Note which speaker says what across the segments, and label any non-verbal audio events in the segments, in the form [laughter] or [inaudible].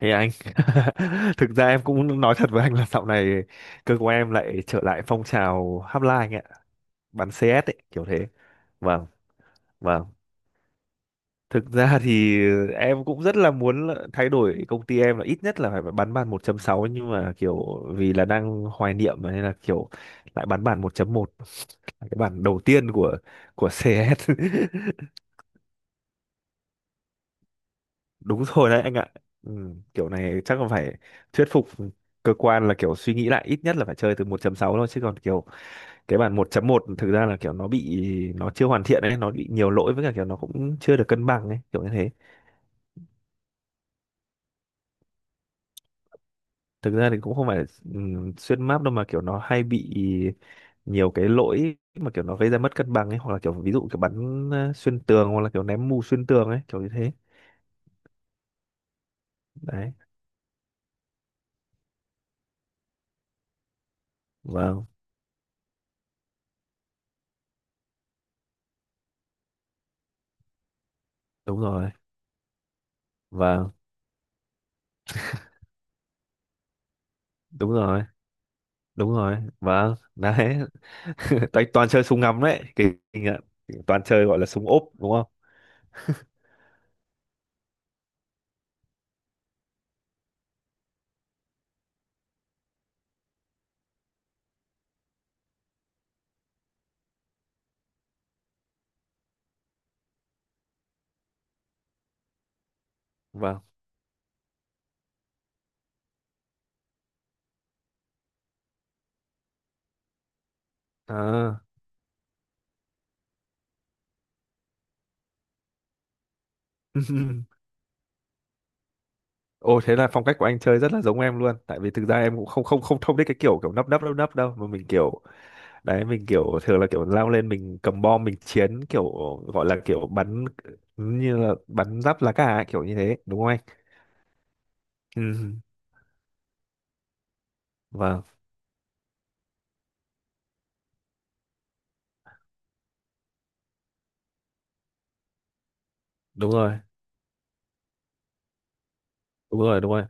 Speaker 1: Thì anh [laughs] Thực ra em cũng nói thật với anh là dạo này cơ của em lại trở lại phong trào hotline anh ạ, bắn CS ấy, kiểu thế. Vâng, vâng. Thực ra thì em cũng rất là muốn là thay đổi công ty em là ít nhất là phải bắn bàn 1.6, nhưng mà kiểu vì là đang hoài niệm mà nên là kiểu lại bắn bàn 1.1, cái bản đầu tiên của CS. [laughs] Đúng rồi đấy anh ạ. Ừ, kiểu này chắc là phải thuyết phục cơ quan là kiểu suy nghĩ lại, ít nhất là phải chơi từ 1.6 thôi, chứ còn kiểu cái bản 1.1 thực ra là kiểu nó bị nó chưa hoàn thiện ấy, nó bị nhiều lỗi, với cả kiểu nó cũng chưa được cân bằng ấy, kiểu như thế. Thực ra thì cũng không phải xuyên map đâu, mà kiểu nó hay bị nhiều cái lỗi mà kiểu nó gây ra mất cân bằng ấy, hoặc là kiểu ví dụ kiểu bắn xuyên tường, hoặc là kiểu ném mù xuyên tường ấy, kiểu như thế đấy. Vâng, đúng rồi. Vâng, đúng rồi, đúng rồi. Vâng, đấy. [laughs] toàn toàn chơi súng ngắm đấy, kỳ kinh ạ. Toàn chơi gọi là súng ốp đúng không. Vâng. À. [laughs] Ồ, thế là phong cách của anh chơi rất là giống em luôn, tại vì thực ra em cũng không không không không thích cái kiểu kiểu nấp nấp đâu, mà mình kiểu đấy, mình kiểu thường là kiểu lao lên, mình cầm bom mình chiến, kiểu gọi là kiểu bắn như là bắn giáp lá cà ấy, kiểu như thế đúng không anh. Ừ, vâng, đúng rồi, đúng rồi, đúng rồi.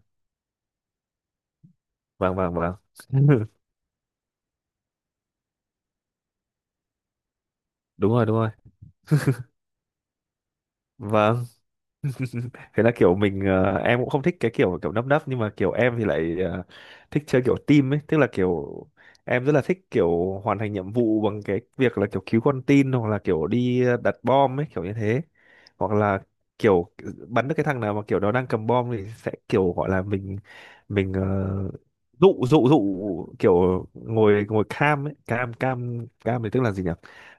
Speaker 1: Vâng vâng vâng [laughs] Đúng rồi, đúng rồi. Vâng, thế là kiểu mình em cũng không thích cái kiểu kiểu nấp nấp, nhưng mà kiểu em thì lại thích chơi kiểu team ấy, tức là kiểu em rất là thích kiểu hoàn thành nhiệm vụ bằng cái việc là kiểu cứu con tin, hoặc là kiểu đi đặt bom ấy, kiểu như thế. Hoặc là kiểu bắn được cái thằng nào mà kiểu nó đang cầm bom thì sẽ kiểu gọi là mình mình ờ, dụ dụ dụ kiểu ngồi ngồi cam ấy, cam cam cam thì tức là gì nhỉ.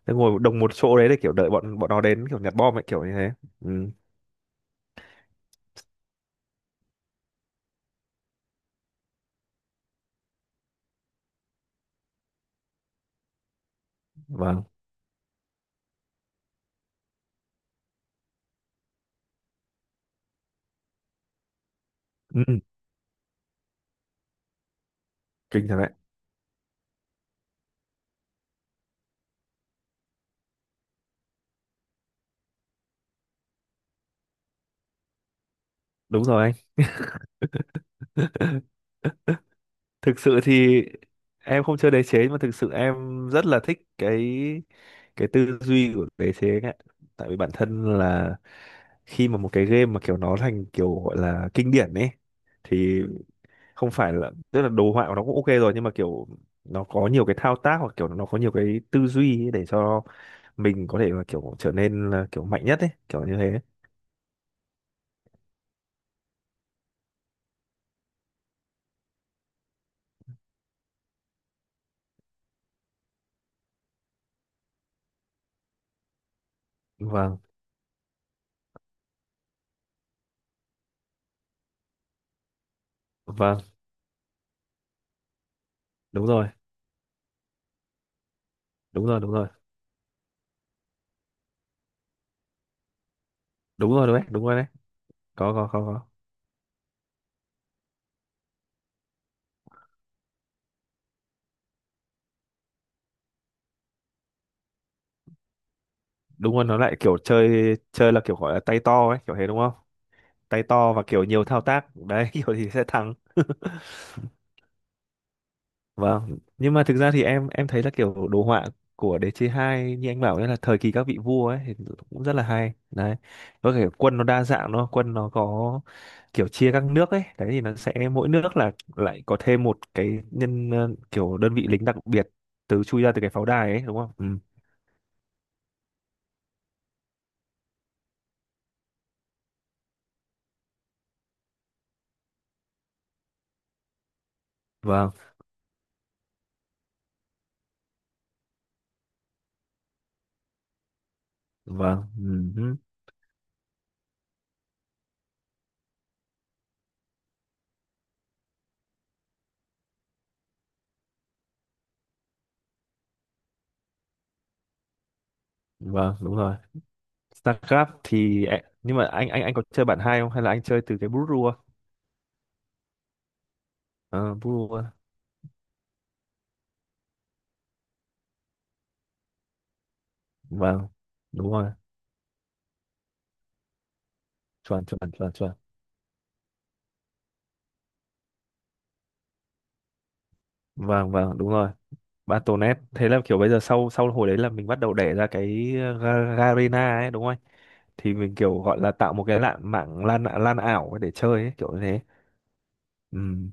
Speaker 1: Tức ngồi đồng một chỗ đấy để kiểu đợi bọn bọn nó đến kiểu nhặt bom ấy, kiểu như thế. Ừ, vâng. Ừ. Kinh thật đấy. Đúng rồi anh. [laughs] Thực sự thì em không chơi đế chế, mà thực sự em rất là thích cái tư duy của đế chế ấy ạ. Tại vì bản thân là khi mà một cái game mà kiểu nó thành kiểu gọi là kinh điển ấy, thì không phải là tức là đồ họa của nó cũng OK rồi, nhưng mà kiểu nó có nhiều cái thao tác, hoặc kiểu nó có nhiều cái tư duy ấy, để cho mình có thể là kiểu trở nên là kiểu mạnh nhất ấy, kiểu như thế. Vâng, vâng, đúng rồi, đúng rồi, đúng rồi. Đúng rồi, đúng đấy, đúng rồi đấy. Có, có, có. Đúng rồi, nó lại kiểu chơi chơi là kiểu gọi là tay to ấy, kiểu thế đúng không. Tay to và kiểu nhiều thao tác đấy, [laughs] kiểu thì sẽ thắng. Vâng, nhưng mà thực ra thì em thấy là kiểu đồ họa của Đế chế 2 như anh bảo đấy, là thời kỳ các vị vua ấy, thì cũng rất là hay đấy. Với cả quân nó đa dạng, nó quân nó có kiểu chia các nước ấy đấy, thì nó sẽ mỗi nước là lại có thêm một cái nhân kiểu đơn vị lính đặc biệt từ chui ra từ cái pháo đài ấy đúng không. Ừ. Vâng, vâng. Ừ. Hứ, vâng, đúng rồi. StarCraft thì nhưng mà anh anh có chơi bản hai không, hay là anh chơi từ cái Brood. Ờ Brood. Vâng, đúng rồi. Chuẩn chuẩn chuẩn chuẩn Vâng, vâng, đúng rồi. Battle.net. Thế là kiểu bây giờ sau sau hồi đấy là mình bắt đầu đẻ ra cái Garena ấy đúng không anh? Thì mình kiểu gọi là tạo một cái lạn mạng lan lan ảo để chơi ấy, kiểu như thế. Ừ.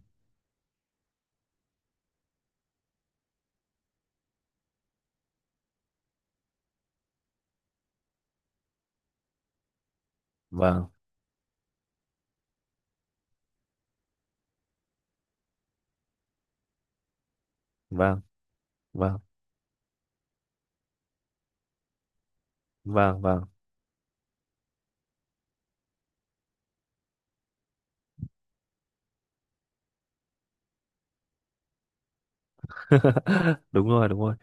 Speaker 1: vâng vâng vâng vâng vâng [laughs] Đúng rồi, đúng rồi.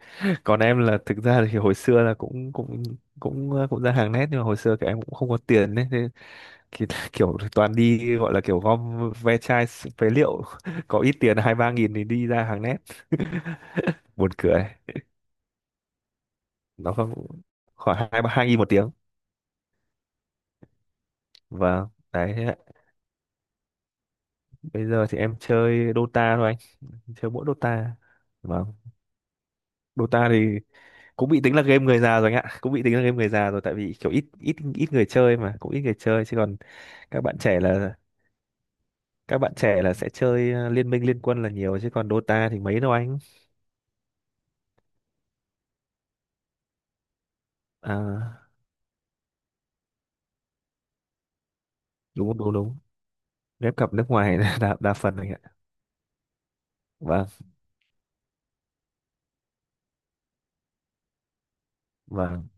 Speaker 1: Còn em là thực ra thì hồi xưa là cũng cũng cũng ờ, cũng ra hàng nét, nhưng mà hồi xưa các em cũng không có tiền đấy, thế thì [laughs] kiểu toàn đi gọi là kiểu gom ve chai phế liệu, [laughs] có ít tiền 2-3 nghìn thì đi ra hàng nét. Buồn cười. Nó không. Khoảng hai ba 2 nghìn một tiếng. Và đấy thế ạ. Bây giờ thì em chơi Dota thôi, anh chơi mỗi Dota. Vâng. Dota thì cũng bị tính là game người già rồi anh ạ, cũng bị tính là game người già rồi, tại vì kiểu ít ít ít người chơi mà, cũng ít người chơi. Chứ còn các bạn trẻ là các bạn trẻ sẽ chơi liên minh, liên quân là nhiều, chứ còn Dota thì mấy đâu anh. À, đúng, đúng, đúng. Ghép cặp nước ngoài [laughs] là đa phần anh ạ. Vâng, vâng,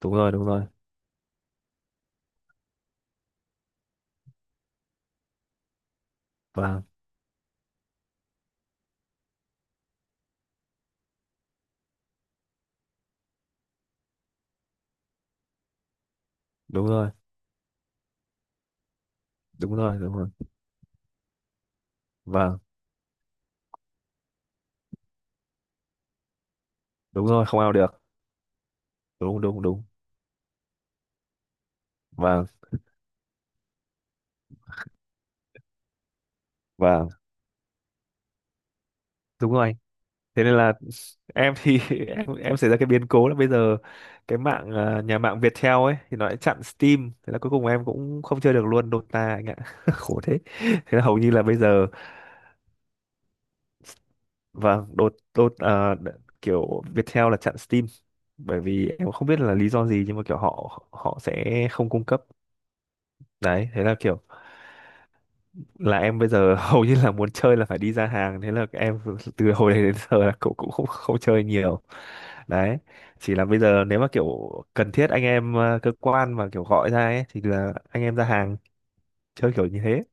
Speaker 1: đúng rồi, đúng rồi. Vâng, đúng rồi, đúng rồi, đúng rồi. Vâng, đúng rồi. Không ao được. Đúng, đúng, đúng. Vâng, vâng, đúng rồi anh. Thế nên là em thì [laughs] em xảy ra cái biến cố là bây giờ cái mạng nhà mạng Viettel ấy, thì nó lại chặn Steam, thế là cuối cùng em cũng không chơi được luôn Dota anh ạ. [laughs] Khổ thế, thế là hầu như là bây giờ. Vâng, đột đột à, đ- kiểu Viettel là chặn Steam, bởi vì em không biết là lý do gì, nhưng mà kiểu họ họ sẽ không cung cấp. Đấy, thế là kiểu là em bây giờ [laughs] hầu như là muốn chơi là phải đi ra hàng, thế là em từ hồi đấy đến giờ là cũng cũng không không chơi nhiều. Đấy, chỉ là bây giờ nếu mà kiểu cần thiết anh em cơ quan mà kiểu gọi ra ấy, thì là anh em ra hàng chơi, kiểu như thế.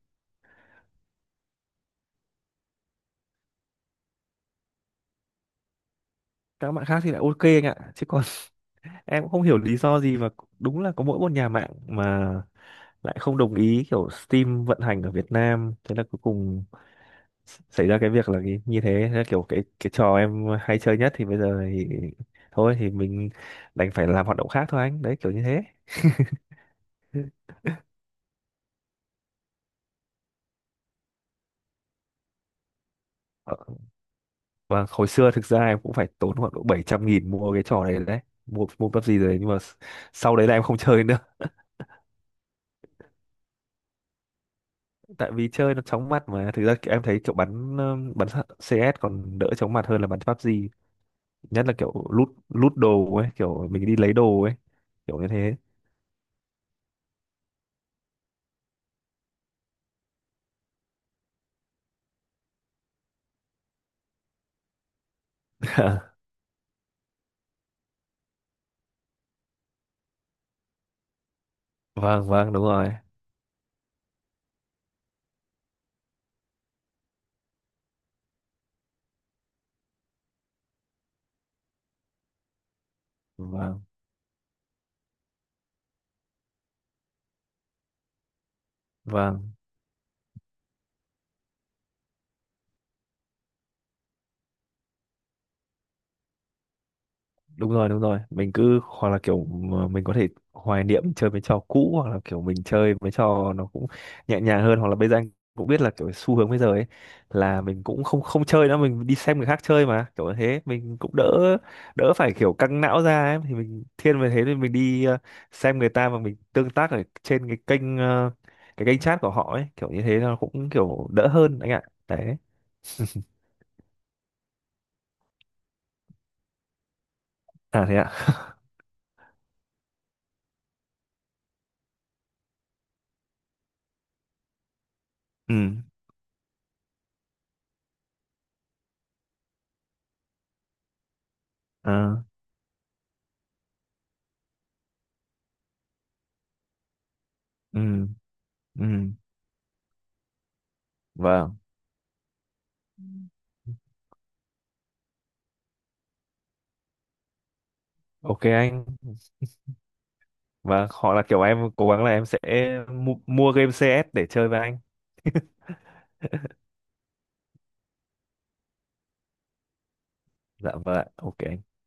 Speaker 1: Các bạn khác thì lại OK anh ạ, chứ còn em cũng không hiểu lý do gì, và đúng là có mỗi một nhà mạng mà lại không đồng ý kiểu Steam vận hành ở Việt Nam, thế là cuối cùng xảy ra cái việc là cái, như thế, thế là kiểu cái trò em hay chơi nhất thì bây giờ thì thôi thì mình đành phải làm hoạt động khác thôi anh, đấy kiểu như thế. Ờ, và hồi xưa thực ra em cũng phải tốn khoảng độ 700.000 mua cái trò này đấy, mua mua pắp gì rồi, nhưng mà sau đấy là em không [laughs] chơi nữa. Tại vì chơi nó chóng mặt, mà thực ra kiểu em thấy kiểu bắn bắn CS còn đỡ chóng mặt hơn là bắn PUBG, nhất là kiểu lút lút đồ ấy, kiểu mình đi lấy đồ ấy, kiểu như thế. [laughs] Vâng, vâng, đúng rồi. Vâng, vâng, đúng rồi, đúng rồi. Mình cứ hoặc là kiểu mà mình có thể hoài niệm chơi mấy trò cũ, hoặc là kiểu mình chơi mấy trò nó cũng nhẹ nhàng hơn. Hoặc là bây giờ anh cũng biết là kiểu xu hướng bây giờ ấy là mình cũng không không chơi nữa, mình đi xem người khác chơi, mà kiểu như thế mình cũng đỡ đỡ phải kiểu căng não ra ấy, thì mình thiên về thế thì mình đi xem người ta mà mình tương tác ở trên cái kênh cái kênh chat của họ ấy, kiểu như thế nó cũng kiểu đỡ hơn anh ạ. Đấy. À thế ạ. [laughs] Ừ. À, ừ. Ừ. Vâng. OK anh. Và hoặc là kiểu em cố gắng là em sẽ mua game CS để chơi với anh. Dạ vâng ạ. OK anh.